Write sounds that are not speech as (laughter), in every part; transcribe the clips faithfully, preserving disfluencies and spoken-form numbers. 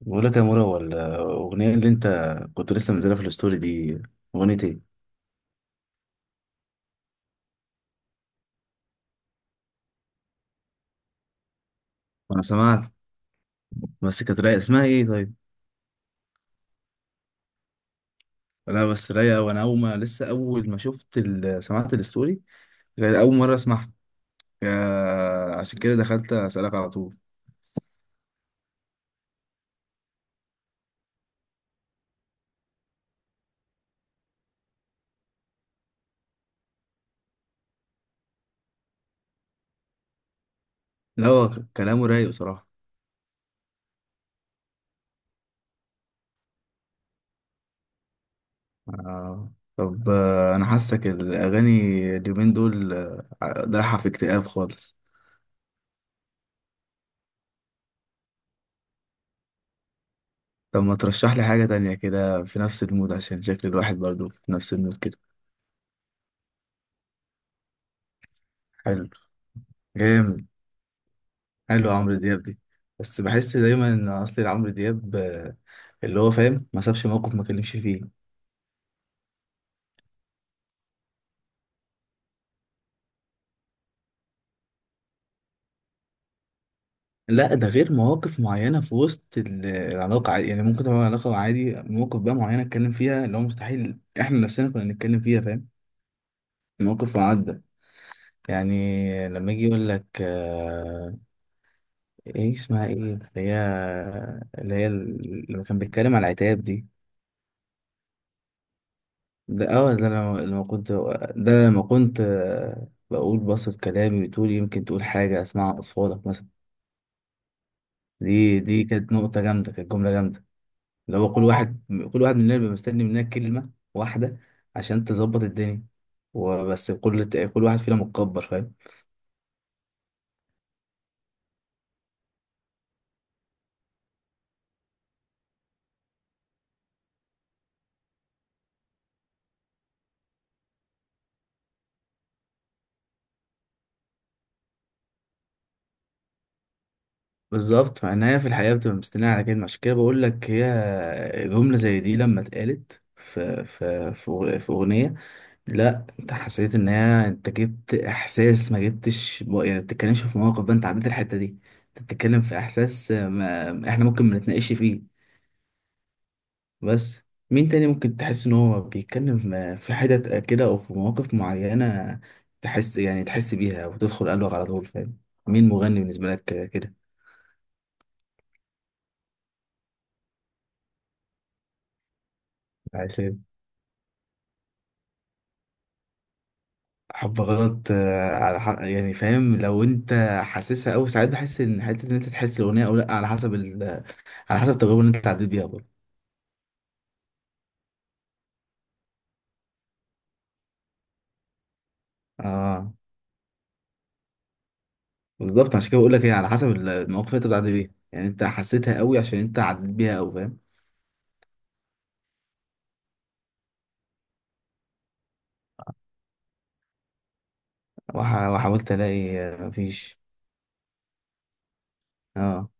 بقول لك يا مورا، هو الأغنية اللي أنت كنت لسه منزلها في الستوري دي أغنية إيه؟ أنا سمعت، بس كانت رايقة. اسمها إيه طيب؟ لا بس رايقة، وأنا أول ما لسه أول ما شفت ال... سمعت الستوري كانت أول مرة أسمعها. يا- عشان كده دخلت أسألك على طول. لا هو ك- كلامه رايق بصراحة. آه. طب آه، أنا حاسك الأغاني اليومين دول آه، رايحة في اكتئاب خالص. طب ما ترشح لي حاجة تانية كده في نفس المود، عشان شكل الواحد برضه في نفس المود كده. حلو. جامد. حلو عمرو دياب دي، بس بحس دايما ان اصلي عمرو دياب آه، اللي هو فاهم، ما سابش موقف ما كلمش فيه. لا ده غير مواقف معينه في وسط ال- العلاقه عادي. يعني ممكن تبقى علاقه عادي، مواقف بقى معينه اتكلم فيها اللي هو مستحيل احنا نفسنا كنا نتكلم فيها، فاهم؟ موقف معدى، يعني لما يجي يقول لك آه، ايه اسمها، ايه اللي هي اللي هي لما كان بيتكلم على العتاب دي. ده اه ده انا لما كنت، ده أنا لما كنت آه، بقول بسط كلامي وتقول، يمكن تقول حاجة اسمعها اصفادك مثلا. دي دي كانت نقطة جامدة، كانت جملة جامدة. اللي هو كل اه واحد كل واحد مننا بيبقى مستني مننا كلمة واحدة عشان تظبط الدنيا، وبس كل كل واحد فينا متكبر، فاهم؟ بالظبط، مع ان هي في الحقيقة بتبقى مستنية على كلمة. عشان كده بقول لك، هي جملة زي دي لما اتقالت في في في أغ- في أغنية، لا انت حسيت ان هي انت جبت احساس ما جبتش ب- يعني، ما بتتكلمش في مواقف بقى انت عديت الحته دي، انت بتتكلم في احساس ما احنا ممكن ما نتناقش فيه. بس مين تاني ممكن تحس ان هو بيتكلم في حتت كده او في مواقف معينه تحس، يعني تحس بيها وتدخل قلبك على طول، فاهم؟ مين مغني بالنسبه لك كده؟ عسل. حب غلط، آه، على حق، يعني فاهم لو انت حاسسها. او ساعات بحس ان حته ان انت تحس الاغنيه او لا على حسب ال... على حسب التجربه اللي انت عديت بيها برضه. اه. بالظبط، عشان كده بقول لك هي على حسب المواقف اللي انت بتعدي بيها، يعني انت حسيتها قوي عشان انت عديت بيها قوي، فاهم؟ وح- وحاولت الاقي آه، مفيش. اه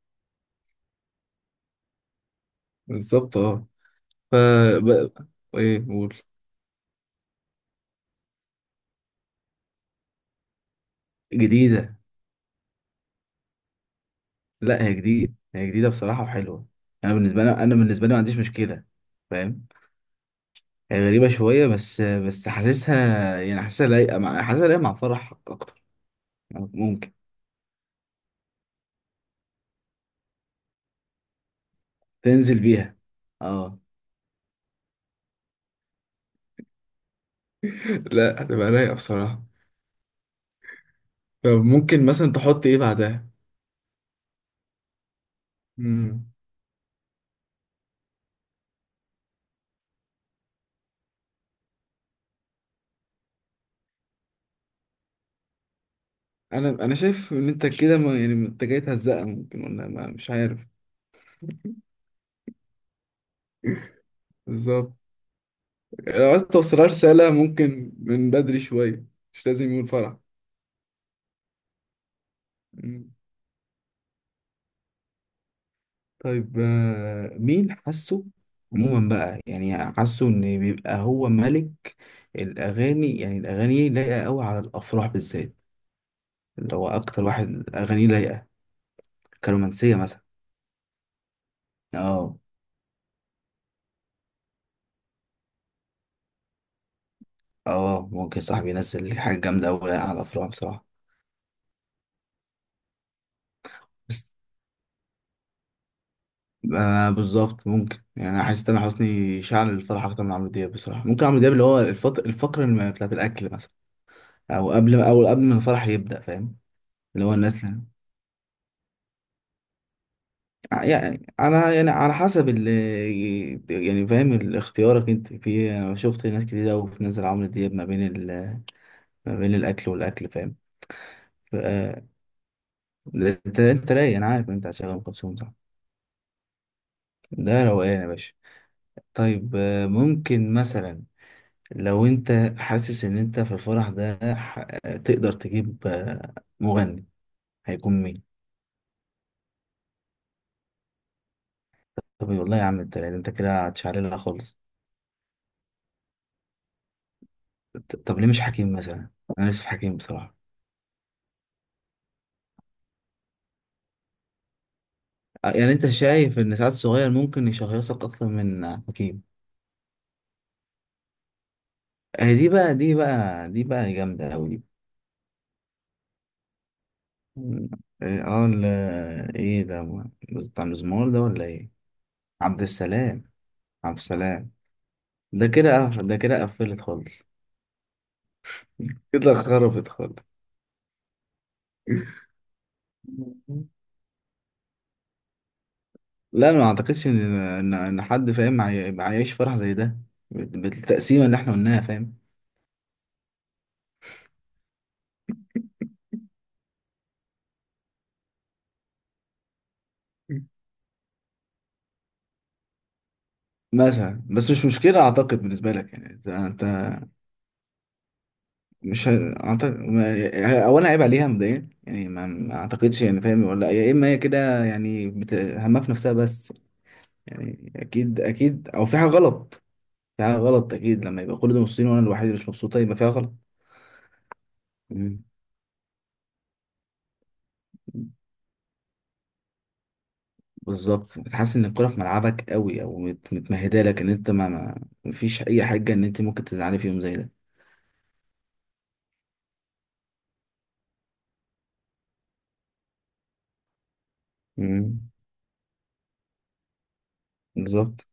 بالظبط اه. ف ب- ايه قول. جديده. لا هي جديده، هي جديده بصراحه وحلوه. انا بالنسبه لي انا بالنسبه لي ما عنديش مشكله، فاهم؟ هي غريبه شويه، بس بس حاسسها، يعني حاسسها لايقه مع حاسسها لايقه مع فرح اكتر. ممكن تنزل بيها. اه. (laughs) لا هتبقى رايقه بصراحه. طب ممكن مثلا تحط ايه بعدها؟ مم. انا انا شايف ان انت كده، ما يعني انت جاي تهزقها ممكن، ولا ما مش عارف. بالظبط، لو عايز توصلها رسالة ممكن من بدري شوية، مش لازم يقول فرح. مم. طيب آه، مين حاسه عموما بقى، يعني حاسه ان بيبقى هو ملك الاغاني؟ يعني الاغاني لايقة قوي على الافراح بالذات، اللي هو اكتر واحد اغانيه لايقة كرومانسية مثلا. اه. اه ممكن صاحبي ينزل حاجة جامدة قوي على الافراح بصراحة. آه بالظبط، ممكن، يعني حاسس ان حسني شعل الفرح اكتر من عمرو دياب بصراحه. ممكن عمرو دياب اللي هو الفط... الفقره الم- بتاعت الاكل مثلا، او قبل ما او قبل ما الفرح يبدا، فاهم؟ اللي هو الناس اللي... يعني انا، يعني على حسب ال... يعني فاهم ال- اختيارك انت في إيه. انا شفت ناس كتير قوي بتنزل عمرو دياب ما بين ال... ما بين الاكل والاكل، فاهم؟ ف... آه، ده- انت انت رايق، انا عارف إن انت هتشغل ام كلثوم، صح؟ ده روقان يا باشا. طيب آه، ممكن مثلا لو انت حاسس ان انت في الفرح ده ح- تقدر تجيب آه، مغني، هيكون مين؟ طب والله يا عم انت، يعني انت كده هتشعللها خالص. ط- طب ليه مش حكيم مثلا؟ انا نفسي في حكيم بصراحه. آه، يعني انت شايف ان سعد الصغير ممكن يشهيصك اكتر من حكيم؟ آه، دي بقى دي بقى دي بقى جامده قوي دي. مم. ايه اه ال- ايه ده، ما- بتاع المزمار ده ولا ايه؟ عبد السلام. عبد السلام، ده كده قف- ده كده قفلت خالص. (laughs) كده خربت خالص. لا انا ما اعتقدش ان ان إن حد فاهم عاي- عايش فرح زي ده بال- بالتقسيمه اللي احنا قلناها، فاهم؟ مم. مثلا بس مش مشكله اعتقد بالنسبه لك، يعني انت أنت مش ه- اعتقد، ما- اولا عيب عليها مبدئيا، يعني ما ما اعتقدش يعني، فاهم؟ ولا يا اما هي كده يعني بت- همها في نفسها بس، يعني اكيد اكيد او في حاجه غلط. في حاجه غلط اكيد، لما يبقى كل دول مبسوطين وانا الوحيد اللي مش مبسوطه، يبقى فيها غلط. مم. بالظبط، بتحس ان الكرة في ملعبك قوي او مت- متمهده لك ان انت ما ما- مفيش اي حاجه ان انت ممكن تزعلي في يوم زي ده. مم. بالظبط.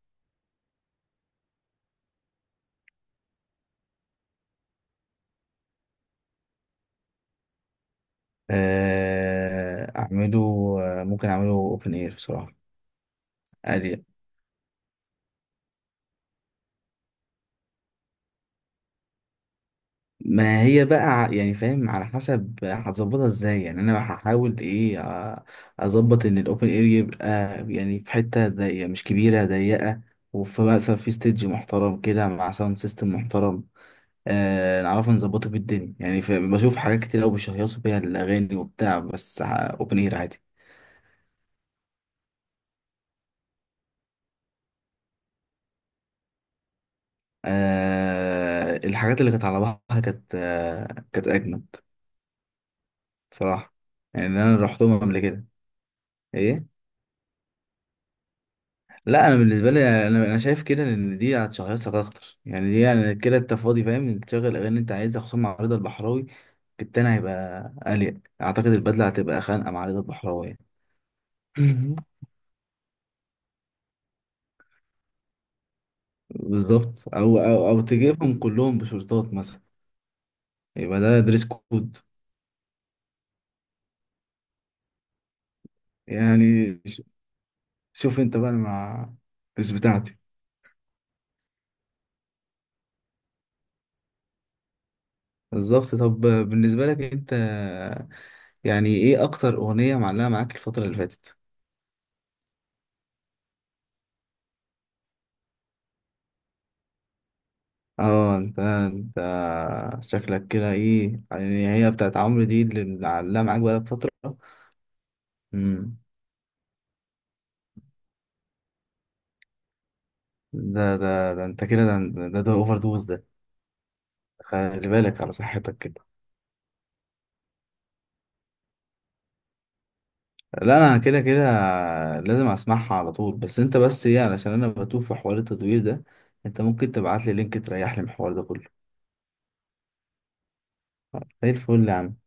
آه، اعمله، آه، ممكن اعمله اوبن اير بصراحه. اريا، ما هي بقى ع- يعني فاهم على حسب هتظبطها ازاي، يعني انا هحاول ايه، آه، اظبط ان الاوبن اير يبقى يعني في حته ضيقه، مش كبيره ضيقه، وفي مثلا في ستيدج محترم كده مع ساوند سيستم محترم، آه نعرف نظبطه بالدنيا، يعني ف- بشوف حاجات كتير قوي بيشهيصوا بيها الأغاني وبتاع، بس أوبن إير عادي. آه، الحاجات اللي كانت على بعضها كانت آه كانت أجمد بصراحة. يعني اللي أنا روحتهم قبل كده. إيه؟ لا أنا بالنسبة لي، أنا, أنا شايف كده إن دي هتشهيصك أكتر، يعني دي يعني كده أنت فاضي، فاهم؟ إنت تشغل الأغاني اللي أنت عايزها، خصوصا مع رضا البحراوي. التاني هيبقى أليق أعتقد، البدلة هتبقى خانقة مع رضا البحراوي يعني. (laughs) بالظبط، أو أو أو تجيبهم كلهم بشورتات مثلا، يبقى ده دريس كود. يعني ش- شوف انت بقى، مع مش بتاعتي. بالظبط. طب بالنسبة لك انت، يعني ايه اكتر اغنية معلقة معاك الفترة اللي فاتت؟ اه انت انت شكلك كده ايه، يعني هي بتاعت عمرو دي اللي معلقة معاك بقالك فترة؟ امم. ده ده ده انت كده ده ده, ده اوفر دوز ده، خلي بالك على صحتك كده. لا انا كده كده لازم اسمعها على طول. بس انت بس ايه، علشان انا بتوه في حوار التدوير ده، انت ممكن تبعت لي لينك تريح لي من الحوار ده كله؟ زي الفل يا عم.